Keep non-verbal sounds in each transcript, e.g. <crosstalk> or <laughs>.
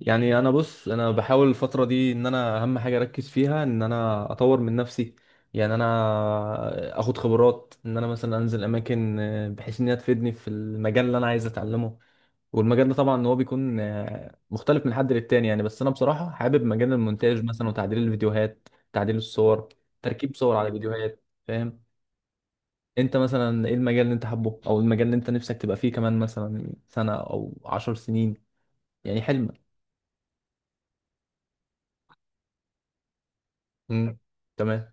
يعني انا بص انا بحاول الفتره دي ان انا اهم حاجه اركز فيها ان انا اطور من نفسي. يعني انا اخد خبرات ان انا مثلا انزل اماكن، بحيث ان هي تفيدني في المجال اللي انا عايز اتعلمه. والمجال ده طبعا هو بيكون مختلف من حد للتاني، يعني بس انا بصراحه حابب مجال المونتاج مثلا وتعديل الفيديوهات، تعديل الصور، تركيب صور على فيديوهات، فاهم؟ انت مثلا ايه المجال اللي انت حابه، او المجال اللي انت نفسك تبقى فيه كمان مثلا سنه او 10 سنين؟ يعني حلمك؟ امم. تمام.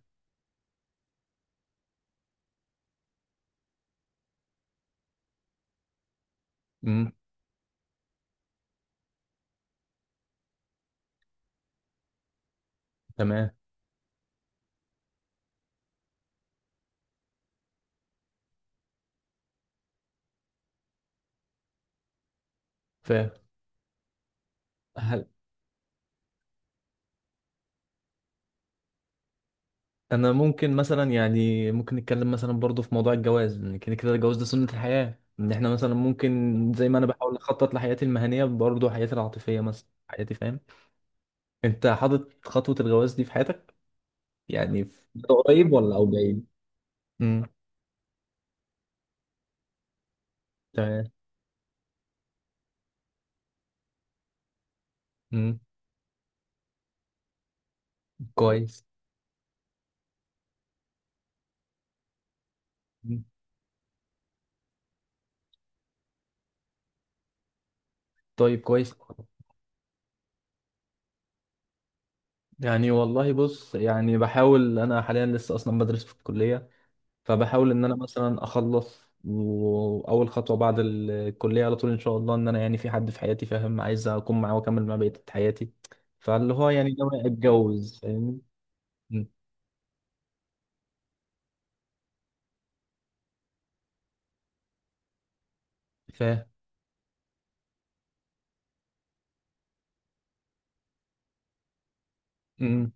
مم. تمام. فاهم. هل انا ممكن مثلا، يعني ممكن نتكلم مثلا برضو في موضوع الجواز، لان كده كده الجواز ده سنة الحياة، ان احنا مثلا ممكن زي ما انا بحاول اخطط لحياتي المهنية برضو حياتي العاطفية مثلا، حياتي، فاهم. انت حاطط خطوة الجواز دي في حياتك؟ يعني في ده قريب ولا بعيد؟ امم. تمام. امم. كويس. مم. طيب كويس. يعني والله بص، يعني بحاول، انا حاليا لسه اصلا بدرس في الكلية، فبحاول ان انا مثلا اخلص، واول خطوه بعد الكليه على طول ان شاء الله، ان انا يعني في حد في حياتي، فاهم، عايز اكون معاه واكمل معاه بقيه حياتي. فاللي هو يعني ناوي اتجوز، فاهمني. مم. فاهم. مم.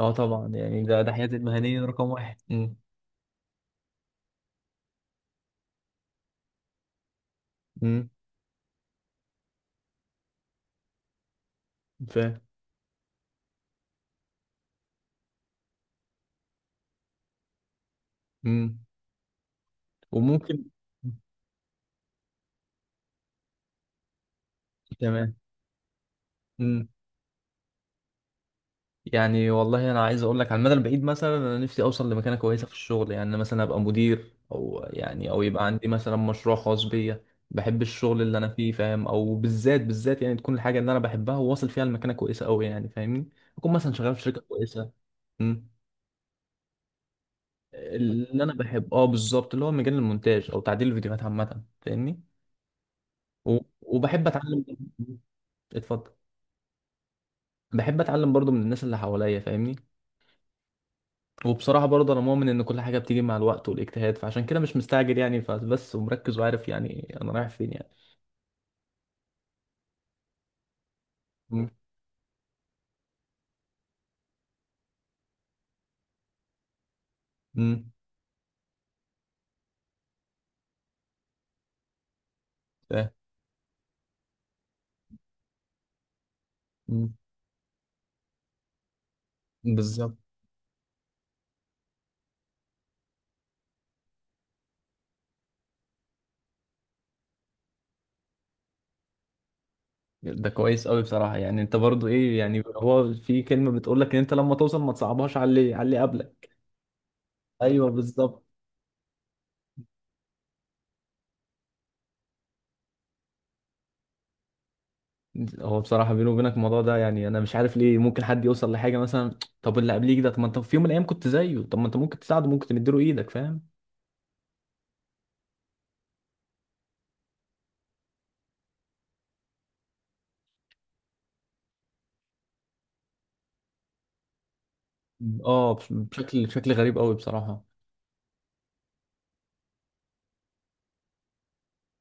اه طبعا، يعني ده حياتي المهنيه رقم واحد. مم. مم. فاهم. مم. وممكن. تمام. مم. يعني والله انا عايز اقول لك على المدى البعيد مثلا، انا نفسي اوصل لمكانه كويسه في الشغل، يعني أنا مثلا ابقى مدير، او يبقى عندي مثلا مشروع خاص بيا. بحب الشغل اللي انا فيه، فاهم، او بالذات بالذات، يعني تكون الحاجه اللي انا بحبها وواصل فيها لمكانه كويسه قوي، يعني فاهمني. اكون مثلا شغال في شركه كويسه. أمم. اللي انا بحب، اه بالظبط، اللي هو مجال المونتاج او تعديل الفيديوهات عامه، فاهمني. وبحب اتعلم. اتفضل. بحب اتعلم برضو من الناس اللي حواليا، فاهمني. وبصراحة برضه أنا مؤمن إن كل حاجة بتيجي مع الوقت والاجتهاد، فعشان كده مش مستعجل يعني، فبس ومركز وعارف يعني أنا رايح فين يعني. مم. مم. فاهم. مم. بالظبط. ده كويس قوي بصراحة، يعني أنت برضه إيه؟ يعني هو في كلمة بتقول لك إن أنت لما توصل ما تصعبهاش على اللي قبلك. ايوه بالظبط. هو بصراحة بيني وبينك الموضوع ده، يعني أنا مش عارف ليه ممكن حد يوصل لحاجة مثلا، طب اللي قبليك ده، طب ما أنت في يوم من الأيام كنت زيه، طب ما أنت ممكن تساعده، ممكن تديله إيدك، فاهم. أه، بشكل غريب قوي بصراحة.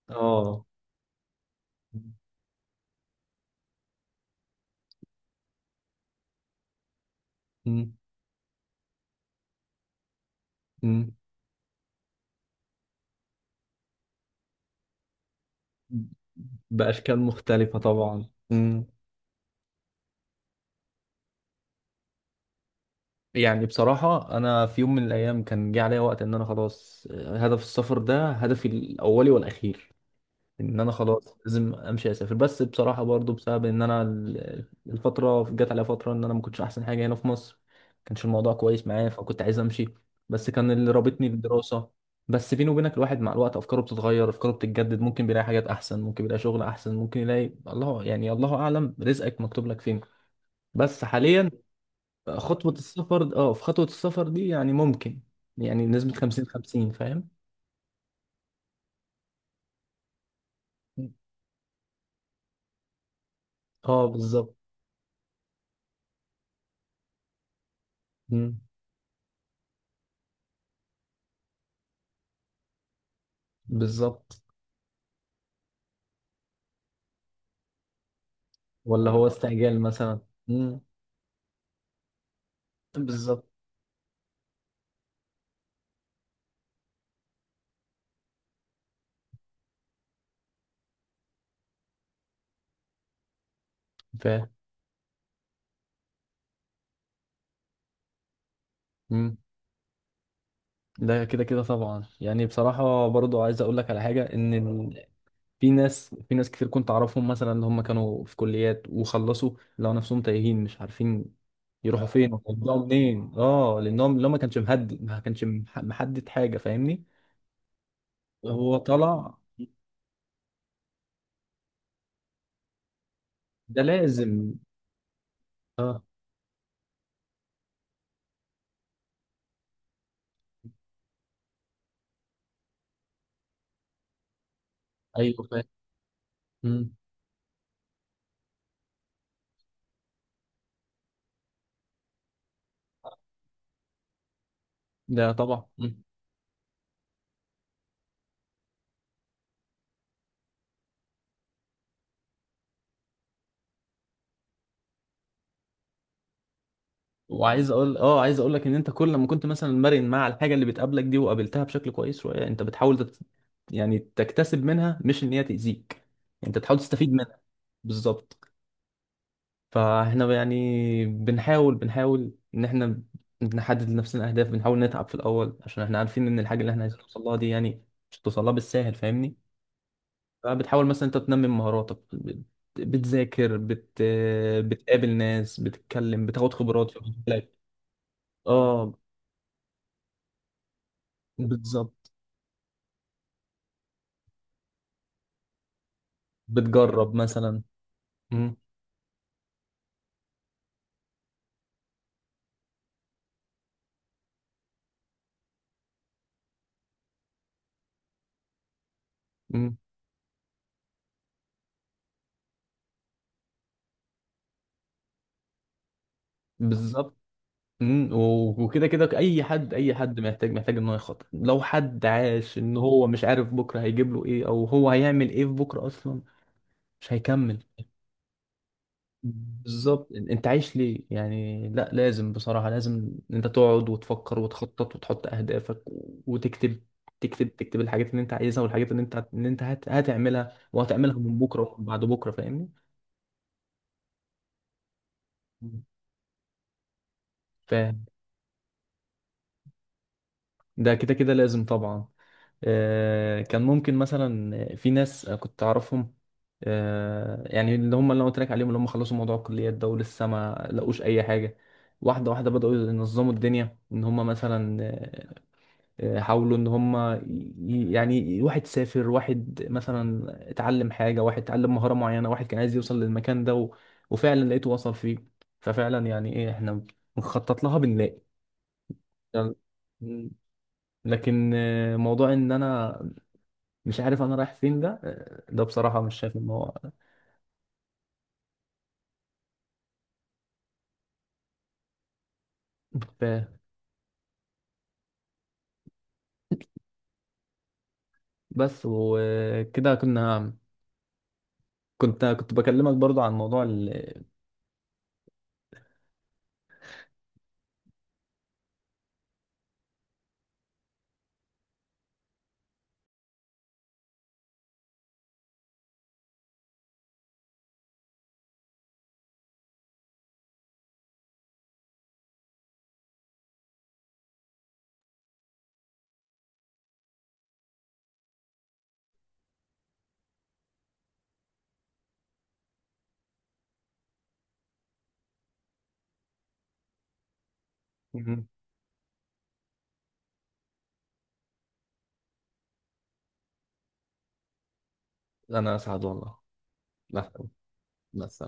اه. مم. مم. بأشكال مختلفة طبعا. مم. يعني بصراحة، أنا في يوم من الأيام كان جه عليا وقت إن أنا خلاص، هدف السفر ده هدفي الأولي والأخير، ان انا خلاص لازم امشي اسافر. بس بصراحه برضو بسبب ان انا الفتره جت عليا فتره ان انا ما كنتش احسن حاجه هنا في مصر، ما كانش الموضوع كويس معايا، فكنت عايز امشي، بس كان اللي رابطني بالدراسه. بس بيني وبينك، الواحد مع الوقت افكاره بتتغير، افكاره بتتجدد، ممكن بيلاقي حاجات احسن، ممكن يلاقي شغل احسن، ممكن يلاقي الله يعني، الله اعلم رزقك مكتوب لك فين. بس حاليا، خطوه السفر اه في خطوه السفر دي يعني ممكن، يعني نسبه 50-50، فاهم. اه بالظبط. مم. بالظبط. ولا هو استعجال مثلا. امم. بالظبط. فاهم. امم. ده كده كده طبعا، يعني بصراحة برضو عايز اقول لك على حاجة، ان في ناس كتير كنت اعرفهم مثلا، اللي هم كانوا في كليات وخلصوا، لقوا نفسهم تايهين، مش عارفين يروحوا فين <laughs> ويبدأوا منين، اه لانهم لو ما كانش مهدد، ما كانش محدد حاجة، فاهمني. هو طلع. ده لازم. اه. ايوه فاهم. مم. ده طبعا. وعايز اقول اه عايز اقول لك ان انت كل لما كنت مثلا مرن مع الحاجه اللي بتقابلك دي، وقابلتها بشكل كويس شويه، انت بتحاول يعني تكتسب منها، مش ان هي تاذيك. يعني انت بتحاول تستفيد منها. بالظبط. فاحنا يعني بنحاول ان احنا نحدد لنفسنا اهداف، بنحاول نتعب في الاول، عشان احنا عارفين ان الحاجه اللي احنا عايزين نوصل لها دي يعني مش هتوصل لها بالساهل، فاهمني. فبتحاول مثلا انت تنمي مهاراتك، بتذاكر، بتقابل ناس، بتتكلم، بتاخد خبرات في مجالك. اه بالظبط. بتجرب مثلا. مم. مم. بالظبط. مم. وكده كده، اي حد محتاج ان هو يخطط، لو حد عاش ان هو مش عارف بكره هيجيب له ايه، او هو هيعمل ايه في بكره اصلا، مش هيكمل. بالظبط. انت عايش ليه يعني؟ لا لازم، بصراحة لازم انت تقعد وتفكر وتخطط وتحط اهدافك، وتكتب، تكتب الحاجات اللي انت عايزها، والحاجات اللي انت هتعملها، وهتعملها من بكره وبعد بكره، فاهمني. مم. فاهم. ده كده كده لازم طبعا. كان ممكن مثلا في ناس كنت اعرفهم، يعني اللي هم اللي انا قلت لك عليهم، اللي هم خلصوا موضوع الكليات ده ولسه ما لقوش اي حاجه، واحده واحده بداوا ينظموا الدنيا ان هم مثلا، حاولوا ان هم يعني، واحد سافر، واحد مثلا اتعلم حاجه، واحد اتعلم مهاره معينه، واحد كان عايز يوصل للمكان ده وفعلا لقيته وصل فيه. ففعلا يعني ايه، احنا بنخطط لها بنلاقي. لكن موضوع ان انا مش عارف انا رايح فين ده، ده بصراحة مش شايف ان هو، فاهم. بس، وكده كنا كنت كنت بكلمك برضو عن موضوع مهم. انا اسعد والله. لا. بس.